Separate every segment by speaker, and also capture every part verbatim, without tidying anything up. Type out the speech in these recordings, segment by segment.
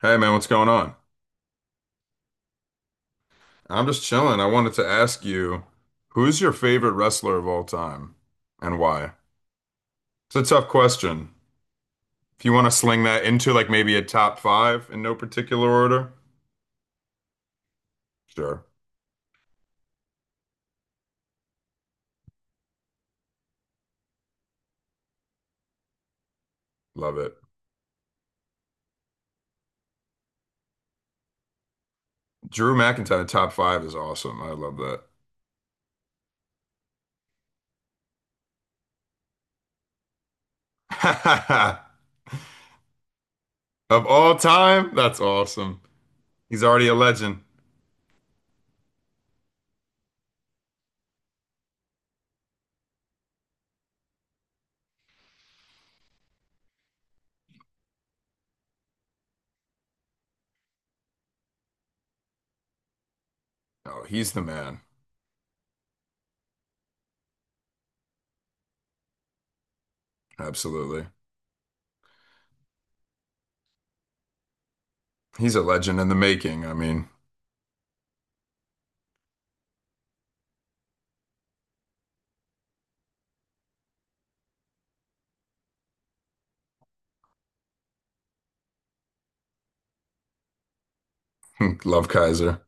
Speaker 1: Hey man, what's going on? I'm just chilling. I wanted to ask you, who's your favorite wrestler of all time and why? It's a tough question. If you want to sling that into like maybe a top five in no particular order, sure. Love it. Drew McIntyre, top five is awesome. I love that. Of all time? That's awesome. He's already a legend. Oh, he's the man. Absolutely. He's a legend in the making. I mean, love Kaiser.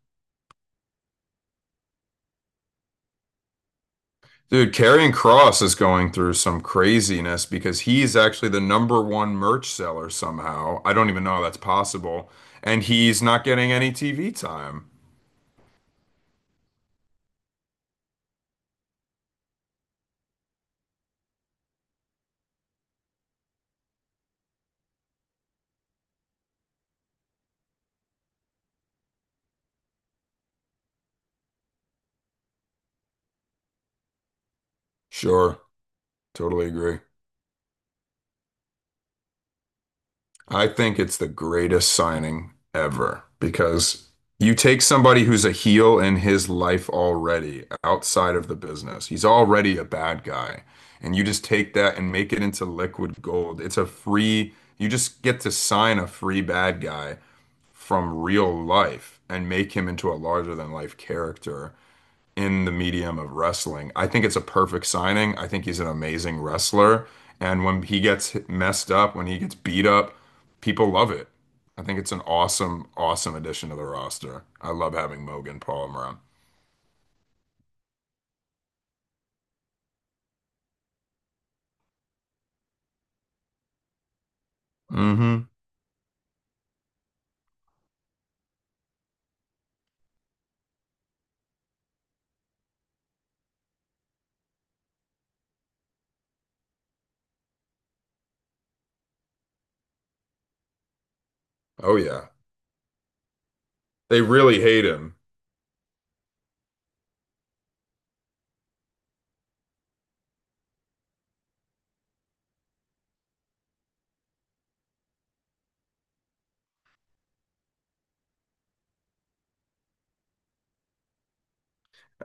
Speaker 1: Dude, Karrion Cross is going through some craziness because he's actually the number one merch seller somehow. I don't even know how that's possible. And he's not getting any T V time. Sure, totally agree. I think it's the greatest signing ever because you take somebody who's a heel in his life already outside of the business. He's already a bad guy. And you just take that and make it into liquid gold. It's a free, you just get to sign a free bad guy from real life and make him into a larger than life character in the medium of wrestling. I think it's a perfect signing. I think he's an amazing wrestler. And when he gets messed up, when he gets beat up, people love it. I think it's an awesome, awesome addition to the roster. I love having Mogan Paul around. hmm Oh, yeah. They really hate him.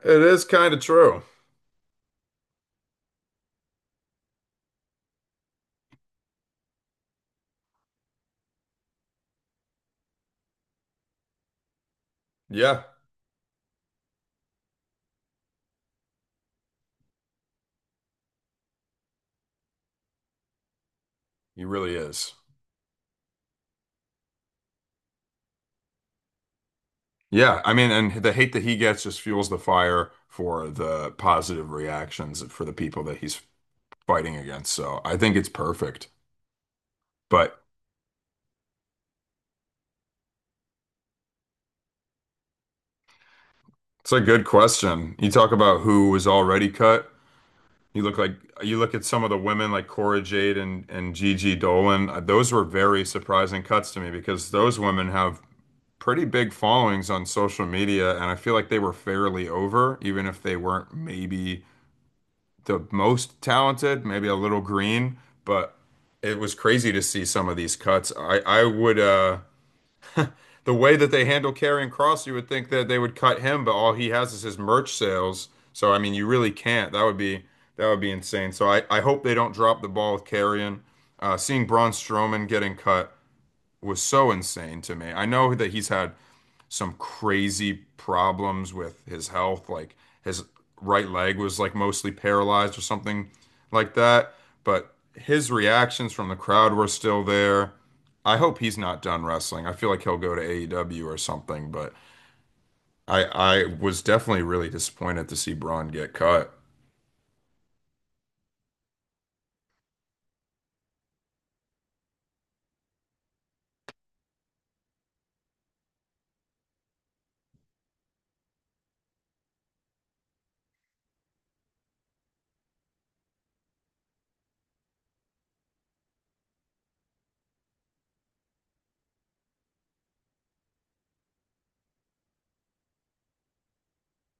Speaker 1: It is kind of true. Yeah, he really is. Yeah, I mean, and the hate that he gets just fuels the fire for the positive reactions for the people that he's fighting against. So I think it's perfect. But it's a good question. You talk about who was already cut. You look like you look at some of the women like Cora Jade and and Gigi Dolan. Uh, Those were very surprising cuts to me because those women have pretty big followings on social media, and I feel like they were fairly over, even if they weren't maybe the most talented, maybe a little green, but it was crazy to see some of these cuts. I I would uh the way that they handle Karrion Cross, you would think that they would cut him, but all he has is his merch sales. So I mean, you really can't. That would be that would be insane. So I I hope they don't drop the ball with Karrion. Uh, seeing Braun Strowman getting cut was so insane to me. I know that he's had some crazy problems with his health. Like his right leg was like mostly paralyzed or something like that. But his reactions from the crowd were still there. I hope he's not done wrestling. I feel like he'll go to A E W or something, but I I was definitely really disappointed to see Braun get cut.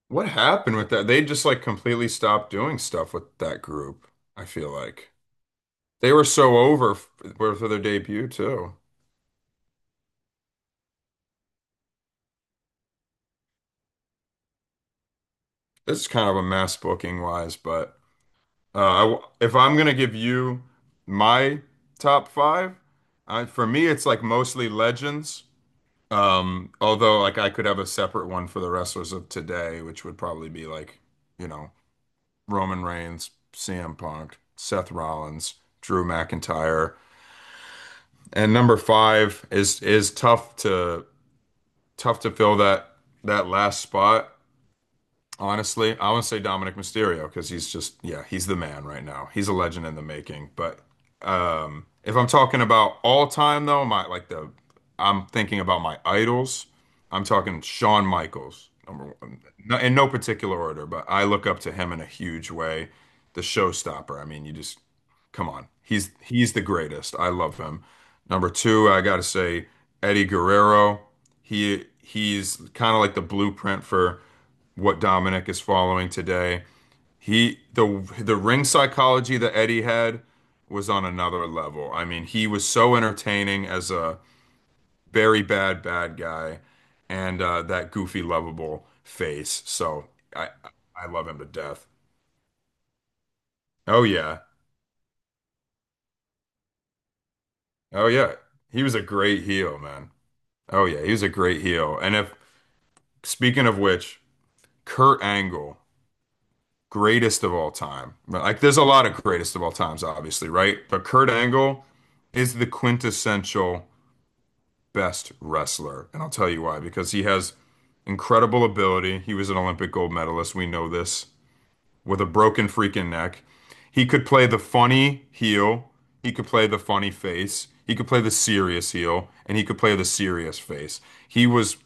Speaker 1: What happened with that? They just like completely stopped doing stuff with that group. I feel like they were so over f- for their debut too. This is kind of a mess booking wise. But Uh, I w if I'm gonna give you my top five, I, for me it's like mostly legends. Um, although like I could have a separate one for the wrestlers of today, which would probably be like, you know, Roman Reigns, C M Punk, Seth Rollins, Drew McIntyre. And number five is is tough to tough to fill that that last spot. Honestly, I want to say Dominic Mysterio because he's just, yeah, he's the man right now. He's a legend in the making. But um, if I'm talking about all time though, my like the I'm thinking about my idols. I'm talking Shawn Michaels, number one, no, in no particular order, but I look up to him in a huge way. The showstopper. I mean, you just come on. He's he's the greatest. I love him. Number two, I gotta say Eddie Guerrero. He he's kind of like the blueprint for what Dominic is following today. He the the ring psychology that Eddie had was on another level. I mean, he was so entertaining as a very bad bad guy, and uh, that goofy lovable face. So I I love him to death. Oh yeah, oh yeah. He was a great heel, man. Oh yeah, he was a great heel. And if speaking of which, Kurt Angle, greatest of all time. But, like, there's a lot of greatest of all times, obviously, right? But Kurt Angle is the quintessential best wrestler. And I'll tell you why, because he has incredible ability. He was an Olympic gold medalist. We know this with a broken freaking neck. He could play the funny heel, he could play the funny face, he could play the serious heel, and he could play the serious face. He was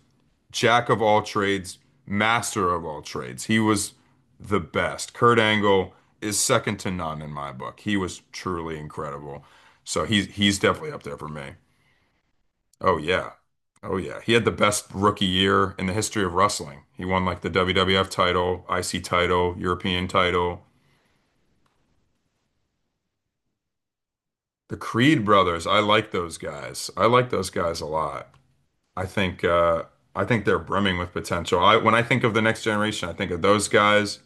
Speaker 1: jack of all trades, master of all trades. He was the best. Kurt Angle is second to none in my book. He was truly incredible. So he's he's definitely up there for me. Oh yeah. Oh yeah. He had the best rookie year in the history of wrestling. He won like the W W F title, I C title, European title. The Creed brothers, I like those guys. I like those guys a lot. I think uh I think they're brimming with potential. I when I think of the next generation, I think of those guys.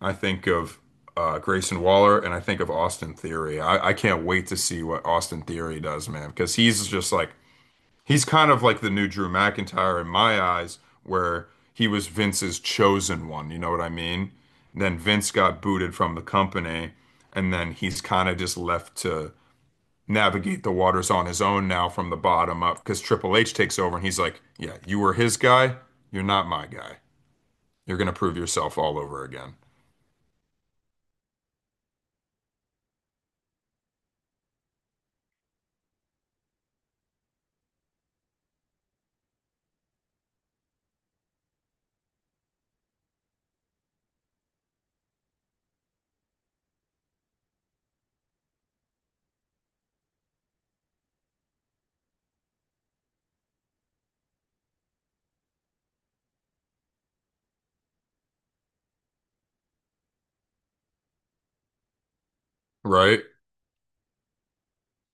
Speaker 1: I think of uh, Grayson Waller and I think of Austin Theory. I, I can't wait to see what Austin Theory does, man, because he's just like he's kind of like the new Drew McIntyre in my eyes, where he was Vince's chosen one. You know what I mean? And Then Vince got booted from the company, and then he's kind of just left to navigate the waters on his own now from the bottom up because Triple H takes over and he's like, "Yeah, you were his guy. You're not my guy. You're going to prove yourself all over again." Right?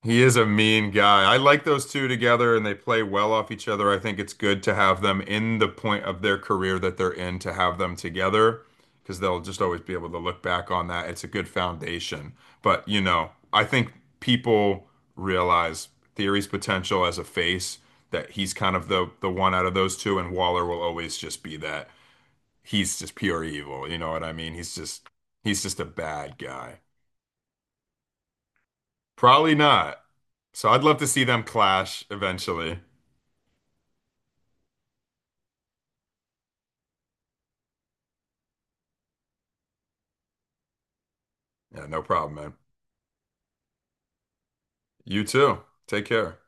Speaker 1: He is a mean guy. I like those two together and they play well off each other. I think it's good to have them in the point of their career that they're in to have them together because they'll just always be able to look back on that. It's a good foundation. But, you know, I think people realize Theory's potential as a face that he's kind of the the one out of those two and Waller will always just be that. He's just pure evil, you know what I mean? He's just he's just a bad guy. Probably not. So I'd love to see them clash eventually. Yeah, no problem, man. You too. Take care.